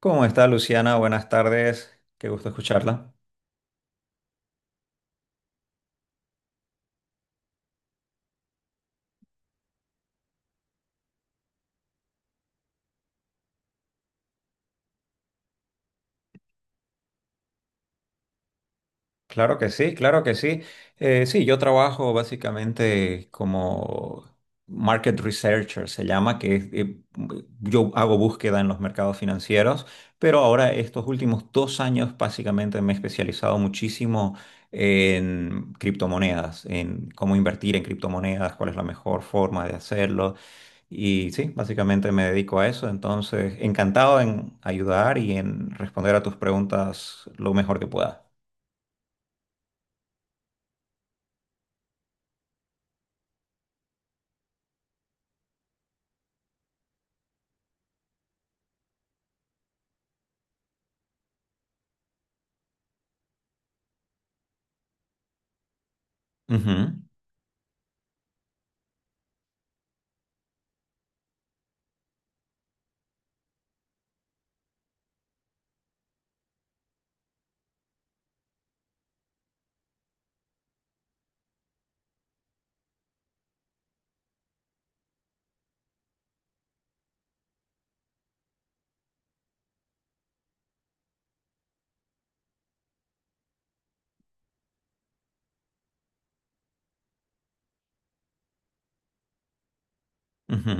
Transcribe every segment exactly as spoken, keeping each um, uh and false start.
¿Cómo está Luciana? Buenas tardes. Qué gusto escucharla. Claro que sí, claro que sí. Eh, sí, yo trabajo básicamente como market researcher, se llama, que es, eh, yo hago búsqueda en los mercados financieros, pero ahora estos últimos dos años básicamente me he especializado muchísimo en criptomonedas, en cómo invertir en criptomonedas, cuál es la mejor forma de hacerlo. Y sí, básicamente me dedico a eso, entonces encantado en ayudar y en responder a tus preguntas lo mejor que pueda. Ujú, ujú,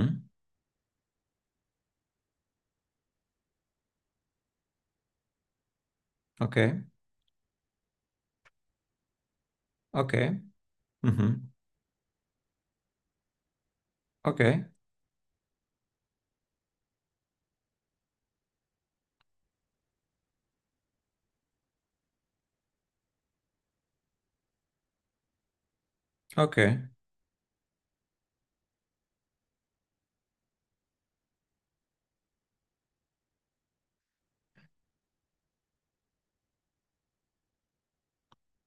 ok, ok, ujú, ok, ok,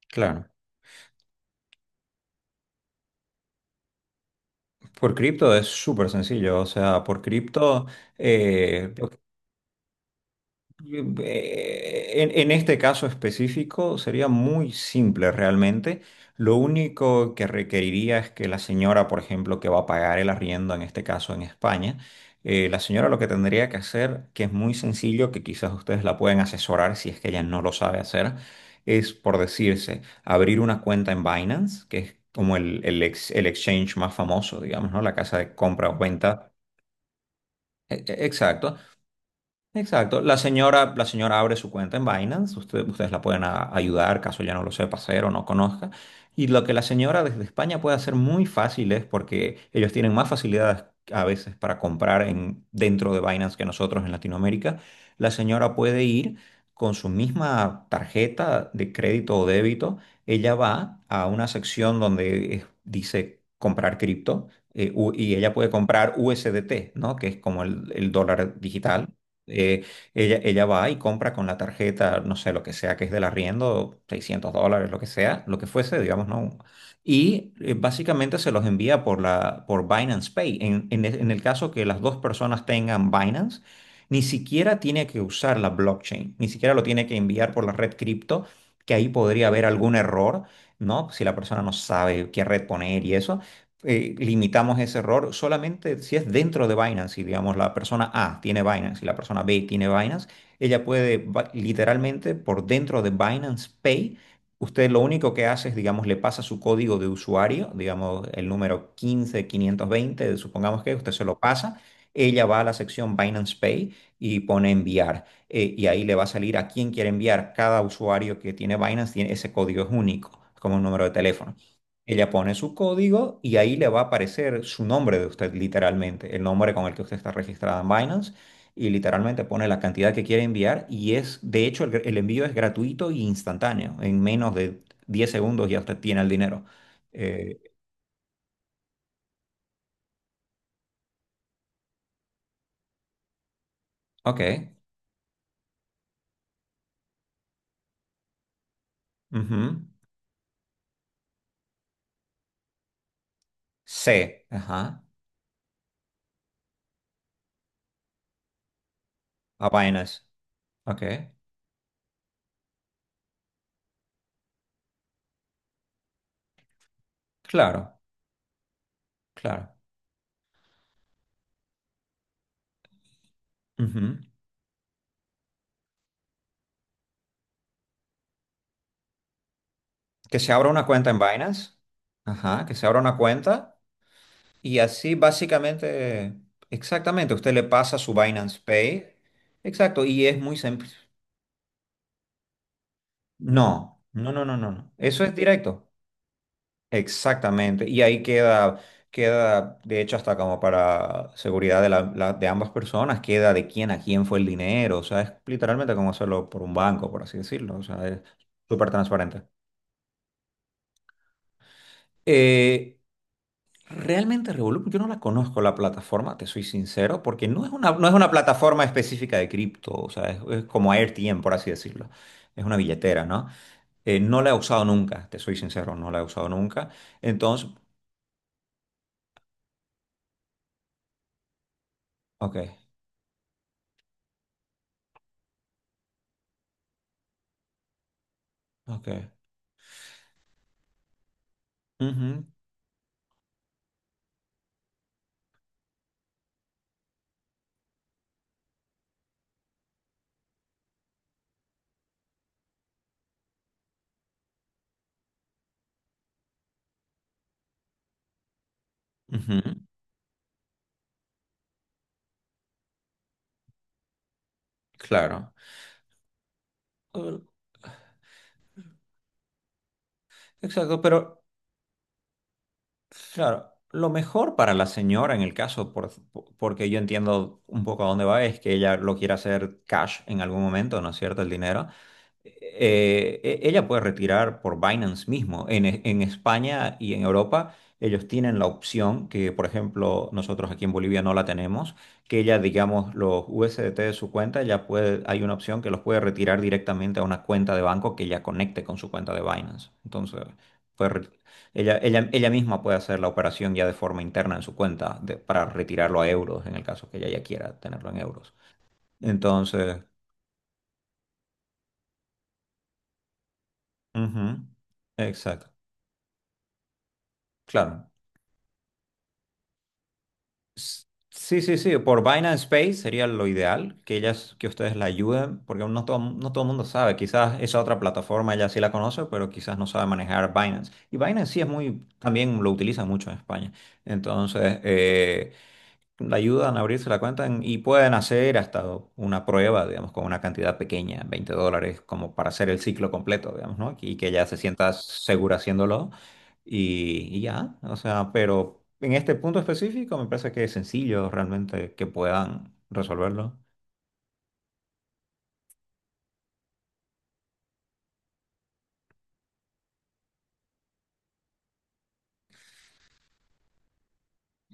claro. Por cripto es súper sencillo, o sea, por cripto, eh, Eh, En, en este caso específico sería muy simple realmente. Lo único que requeriría es que la señora, por ejemplo, que va a pagar el arriendo, en este caso en España, eh, la señora lo que tendría que hacer, que es muy sencillo, que quizás ustedes la pueden asesorar si es que ella no lo sabe hacer, es por decirse, abrir una cuenta en Binance, que es como el, el ex- el exchange más famoso, digamos, ¿no? La casa de compra o venta. E- e- Exacto Exacto. La señora, la señora abre su cuenta en Binance. Usted- ustedes la pueden a- ayudar, caso ya no lo sepa hacer o no conozca. Y lo que la señora desde España puede hacer muy fácil es porque ellos tienen más facilidades a veces para comprar en, dentro de Binance que nosotros en Latinoamérica. La señora puede ir con su misma tarjeta de crédito o débito. Ella va a una sección donde eh, dice comprar cripto, eh, u- y ella puede comprar U S D T, ¿no? Que es como el el dólar digital. Eh, ella, ella va y compra con la tarjeta, no sé, lo que sea que es del arriendo, seiscientos dólares, lo que sea, lo que fuese, digamos, ¿no? Y eh, básicamente se los envía por, la, por Binance Pay. En, en e- en el caso que las dos personas tengan Binance, ni siquiera tiene que usar la blockchain, ni siquiera lo tiene que enviar por la red cripto, que ahí podría haber algún error, ¿no? Si la persona no sabe qué red poner y eso, eh, limitamos ese error solamente si es dentro de Binance. Si digamos, la persona A tiene Binance y la persona B tiene Binance, ella puede ba- literalmente por dentro de Binance Pay, usted lo único que hace es, digamos, le pasa su código de usuario, digamos, el número quince mil quinientos veinte, supongamos que usted se lo pasa. Ella va a la sección Binance Pay y pone enviar, eh, y ahí le va a salir a quién quiere enviar. Cada usuario que tiene Binance tiene ese código, es único, es como un número de teléfono. Ella pone su código y ahí le va a aparecer su nombre de usted, literalmente, el nombre con el que usted está registrada en Binance, y literalmente pone la cantidad que quiere enviar y es, de hecho, el, el envío es gratuito e instantáneo. En menos de diez segundos ya usted tiene el dinero. Eh, ok, ujú. C. Ajá. A Binance. Ok. Claro, claro, ujú. Que se abra una cuenta en Binance. Ajá. Que se abra una cuenta. Y así básicamente, exactamente, usted le pasa su Binance Pay. Exacto, y es muy simple. No, no, no, no, no, no. Eso es directo. Exactamente. Y ahí queda, queda, de hecho, hasta como para seguridad de, la- la- de ambas personas, queda de quién a quién fue el dinero. O sea, es literalmente como hacerlo por un banco, por así decirlo. O sea, es súper transparente. Eh, Realmente Revolut, yo no la conozco la plataforma, te soy sincero, porque no es una, no es una plataforma específica de cripto, o sea, es, es como AirTM, por así decirlo. Es una billetera, ¿no? Eh, no la he usado nunca, te soy sincero, no la he usado nunca. Entonces, ok, ok, ujú, ujú, claro. Eh, Exacto, pero claro, lo mejor para la señora en el caso, por- por- porque yo entiendo un poco a dónde va, es que ella lo quiera hacer cash en algún momento, ¿no es cierto? El dinero. Eh, e- ella puede retirar por Binance mismo. En, E- en España y en Europa, ellos tienen la opción que, por ejemplo, nosotros aquí en Bolivia no la tenemos, que ella, digamos, los U S D T de su cuenta, ya puede, hay una opción que los puede retirar directamente a una cuenta de banco que ya conecte con su cuenta de Binance. Entonces, puede re- ella, ella, ella misma puede hacer la operación ya de forma interna en su cuenta de- para retirarlo a euros, en el caso que ella ya quiera tenerlo en euros. Entonces, ujú, exacto. Claro. S- Sí, sí, sí, por Binance Space sería lo ideal que ellas, que ustedes la ayuden, porque no todo, no todo el mundo sabe, quizás esa otra plataforma ella sí la conoce, pero quizás no sabe manejar Binance. Y Binance sí es muy, también lo utilizan mucho en España. Entonces, eh, le ayudan a abrirse la cuenta en- y pueden hacer hasta una prueba, digamos, con una cantidad pequeña, veinte dólares, como para hacer el ciclo completo, digamos, ¿no? Y que ya se sienta segura haciéndolo y, y ya, o sea, pero en este punto específico me parece que es sencillo realmente que puedan resolverlo.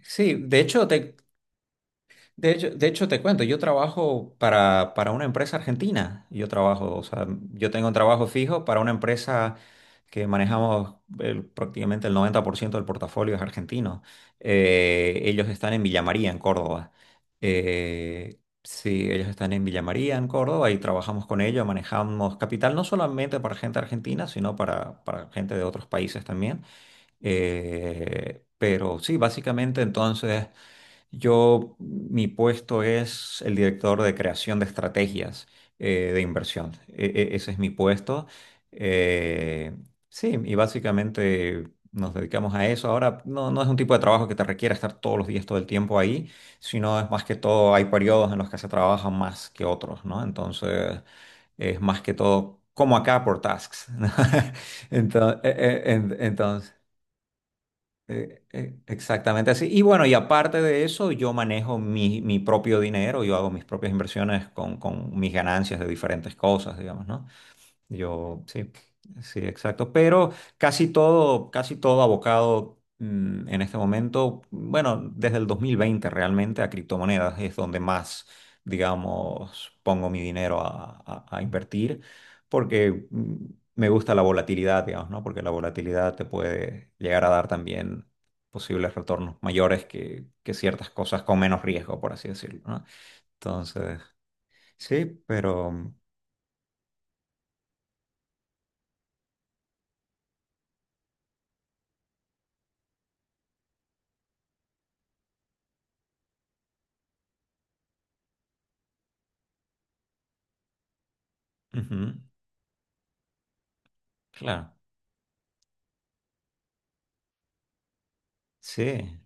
Sí, de hecho, te, De hecho, de hecho, te cuento, yo trabajo para, para una empresa argentina. Yo trabajo, o sea, yo tengo un trabajo fijo para una empresa que manejamos el- prácticamente el noventa por ciento del portafolio es argentino. Eh, ellos están en Villa María, en Córdoba. Eh, sí, ellos están en Villa María, en Córdoba, y trabajamos con ellos, manejamos capital no solamente para gente argentina, sino para, para gente de otros países también. Eh, pero sí, básicamente entonces... Yo, mi puesto es el director de creación de estrategias eh, de inversión. E- e- ese es mi puesto. Eh, sí, y básicamente nos dedicamos a eso. Ahora, no, no es un tipo de trabajo que te requiera estar todos los días, todo el tiempo ahí, sino es más que todo, hay periodos en los que se trabaja más que otros, ¿no? Entonces, es más que todo, como acá por tasks. Entonces, eh, eh, exactamente así. Y bueno, y aparte de eso, yo manejo mi, mi propio dinero, yo hago mis propias inversiones con, con mis ganancias de diferentes cosas, digamos, ¿no? Yo, sí, sí, exacto. Pero casi todo, casi todo abocado mm, en este momento, bueno, desde el dos mil veinte realmente a criptomonedas es donde más, digamos, pongo mi dinero a, a- a invertir, porque mm, me gusta la volatilidad, digamos, ¿no? Porque la volatilidad te puede llegar a dar también posibles retornos mayores que, que ciertas cosas con menos riesgo, por así decirlo, ¿no? Entonces, sí, pero... mm, ujú, claro. Sí,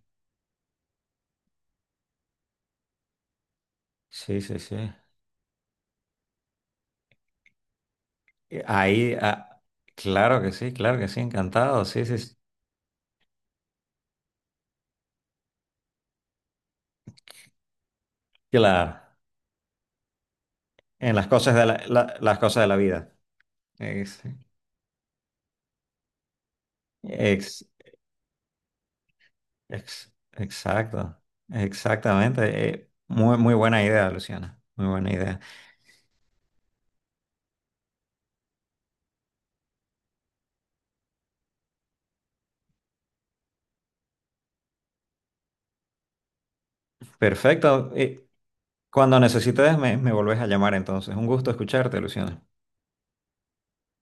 sí, sí, sí. Eh, Ahí, ah, claro que sí, claro que sí, encantado. Sí, sí, sí. Claro. En las cosas de la, la- las cosas de la vida. Ex- ex- ex- exacto. Exactamente. Eh, muy, muy buena idea, Luciana. Muy buena idea. Perfecto. Eh, cuando necesites, me, me volvés a llamar entonces. Un gusto escucharte, Luciana.